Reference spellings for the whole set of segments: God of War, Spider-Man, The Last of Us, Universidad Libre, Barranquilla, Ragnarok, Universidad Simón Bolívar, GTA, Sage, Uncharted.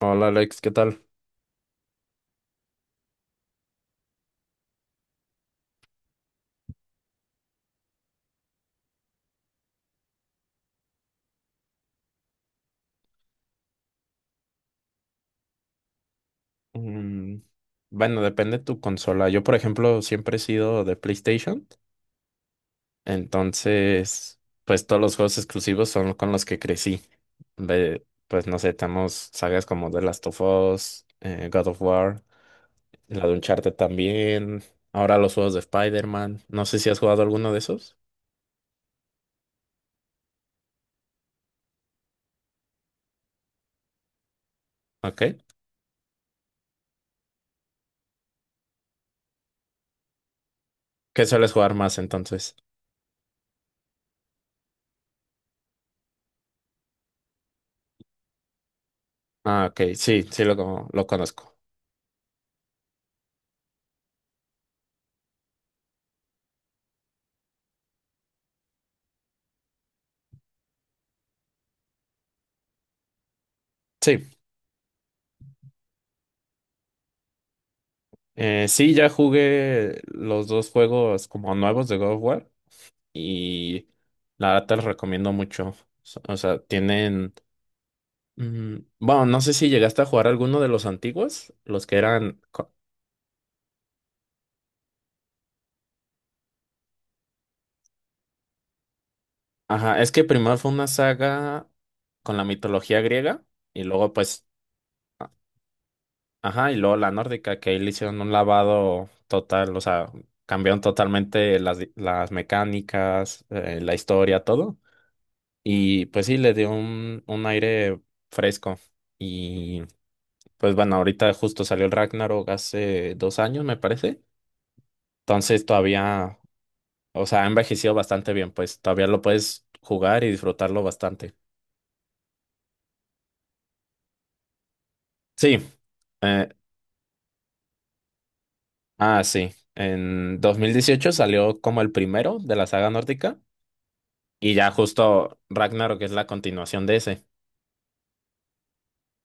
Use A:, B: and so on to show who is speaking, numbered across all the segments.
A: Hola Alex, ¿qué tal? Mm, bueno, depende de tu consola. Yo, por ejemplo, siempre he sido de PlayStation, entonces, pues todos los juegos exclusivos son con los que crecí. De, pues no sé, tenemos sagas como The Last of Us, God of War, la de Uncharted también, ahora los juegos de Spider-Man. No sé si has jugado alguno de esos. Ok. ¿Qué sueles jugar más entonces? Ah, ok, sí, sí lo conozco. Sí. Sí, ya jugué los dos juegos como nuevos de God of War y la verdad te los recomiendo mucho. O sea, tienen... Bueno, no sé si llegaste a jugar alguno de los antiguos, los que eran... co- Ajá, es que primero fue una saga con la mitología griega y luego pues... Ajá, y luego la nórdica, que ahí le hicieron un lavado total, o sea, cambiaron totalmente las mecánicas, la historia, todo. Y pues sí, le dio un aire fresco. Y pues bueno, ahorita justo salió el Ragnarok hace 2 años, me parece. Entonces todavía, o sea, ha envejecido bastante bien, pues todavía lo puedes jugar y disfrutarlo bastante. Sí, eh, sí. En 2018 salió como el primero de la saga nórdica. Y ya justo Ragnarok es la continuación de ese.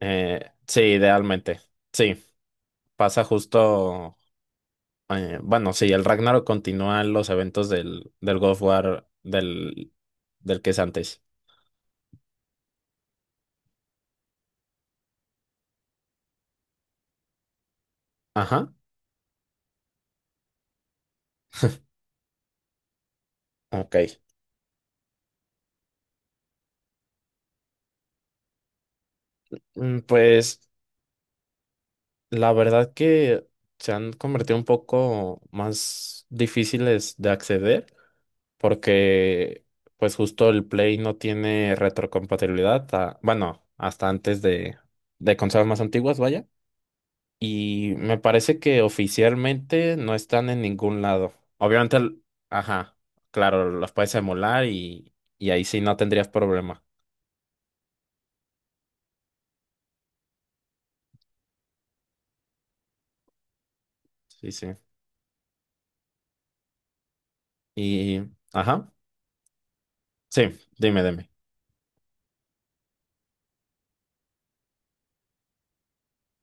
A: Sí, idealmente. Sí, pasa justo. Bueno, sí, el Ragnarok continúa los eventos del God of War del que es antes. Ajá, ok. Pues la verdad que se han convertido un poco más difíciles de acceder porque pues justo el Play no tiene retrocompatibilidad, bueno, hasta antes de, consolas más antiguas, vaya. Y me parece que oficialmente no están en ningún lado. Obviamente, el- ajá, claro, los puedes emular y ahí sí no tendrías problema. Sí, sí. Y, ajá, sí, dime, dime.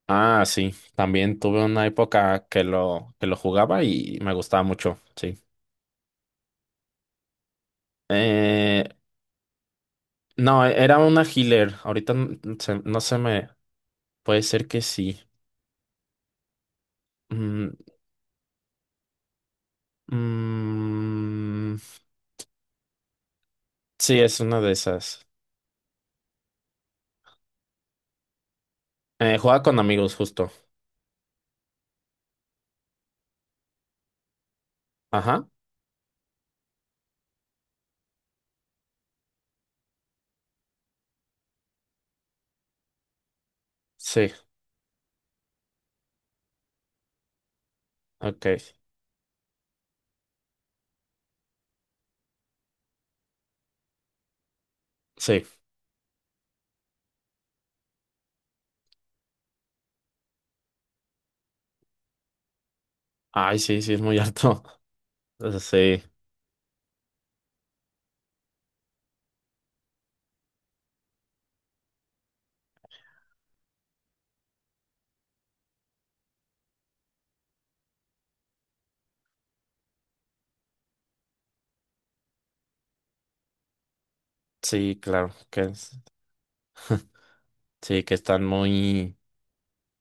A: Ah, sí, también tuve una época que lo jugaba y me gustaba mucho, sí. Eh, no, era una healer. Ahorita no se me... Puede ser que sí. Mm, mm, sí, es una de esas. Juega con amigos, justo. Ajá. Sí, ok. Sí. Ay, sí, sí, es muy alto. Sí, sí, claro. Que es- sí, que están muy...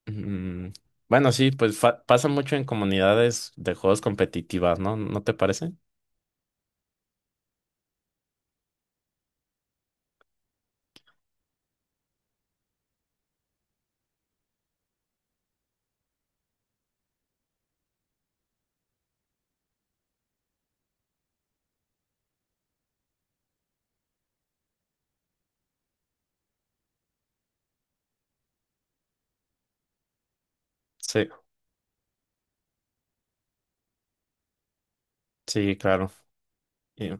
A: mm, bueno, sí, pues pasa mucho en comunidades de juegos competitivas, ¿no? ¿No te parece? Sí, sí, claro. Y-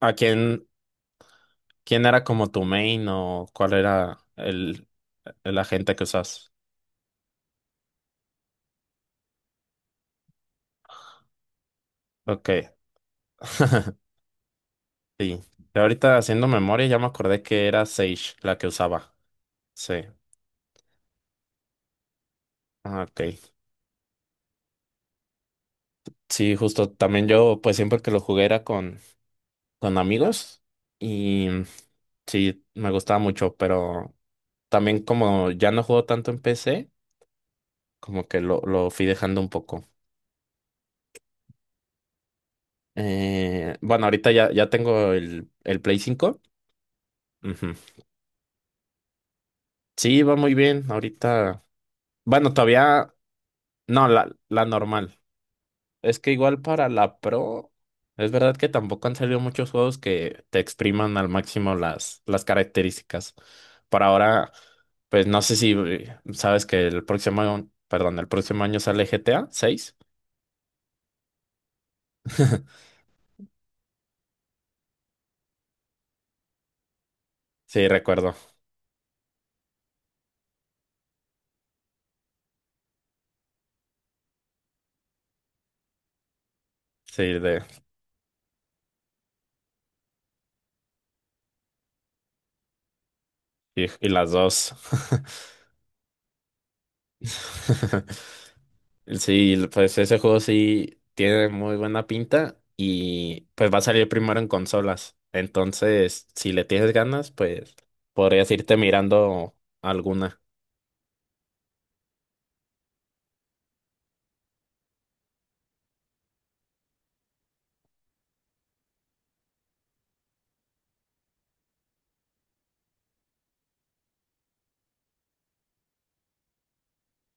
A: ¿a quién, quién era como tu main o cuál era el agente que usas? Ok. Sí. Y ahorita haciendo memoria ya me acordé que era Sage la que usaba. Sí. Ah, ok. Sí, justo. También yo, pues siempre que lo jugué era con amigos y sí, me gustaba mucho, pero también como ya no juego tanto en PC, como que lo fui dejando un poco. Bueno, ahorita ya tengo el Play 5. Ujú. Sí, va muy bien. Ahorita, bueno, todavía, no, la normal. Es que igual para la Pro, es verdad que tampoco han salido muchos juegos que te expriman al máximo las características. Por ahora, pues no sé si sabes que perdón, el próximo año sale GTA 6. Sí, recuerdo. Sí, y las dos. Sí, pues ese juego sí tiene muy buena pinta y pues va a salir primero en consolas. Entonces, si le tienes ganas, pues podrías irte mirando alguna.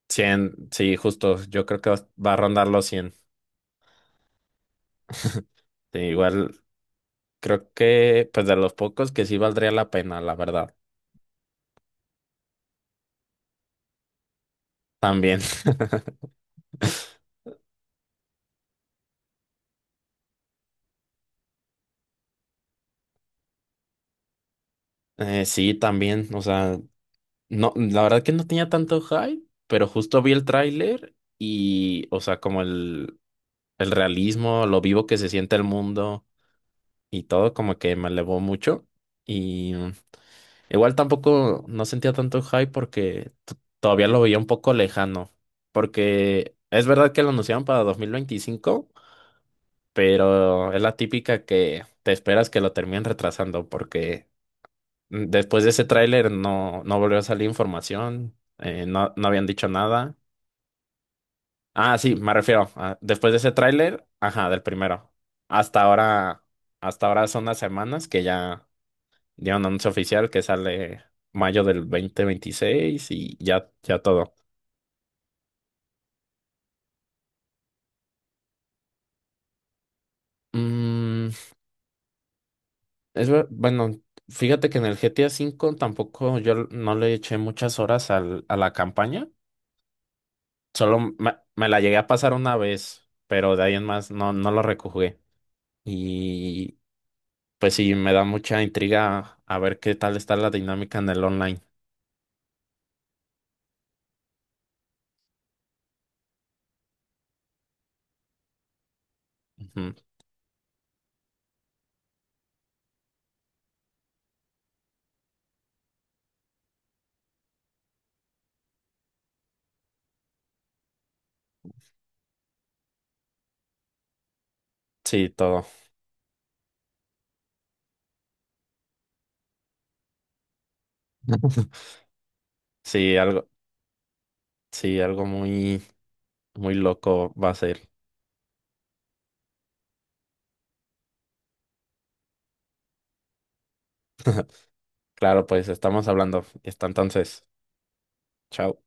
A: 100 sí, justo, yo creo que va a rondar los 100. Sí, igual creo que pues de los pocos que sí valdría la pena, la verdad. También, sí, también, o sea, no, la verdad que no tenía tanto hype, pero justo vi el tráiler y, o sea, como el realismo, lo vivo que se siente el mundo y todo como que me elevó mucho. Y igual tampoco no sentía tanto hype porque todavía lo veía un poco lejano. Porque es verdad que lo anunciaron para 2025, pero es la típica que te esperas que lo terminen retrasando porque después de ese tráiler no, no volvió a salir información, no, no habían dicho nada. Ah, sí, me refiero, después de ese tráiler, ajá, del primero. Hasta ahora, hasta ahora son las semanas que ya dieron anuncio oficial que sale mayo del 2026 y ya, ya todo. Mm, bueno, fíjate que en el GTA 5 tampoco yo no le eché muchas horas a la campaña. Solo me la llegué a pasar una vez, pero de ahí en más no, no lo rejugué. Y pues sí, me da mucha intriga a ver qué tal está la dinámica en el online. Ujú. Sí, todo. Sí, algo, sí, algo muy, muy loco va a ser. Claro, pues estamos hablando. Está entonces. Chao.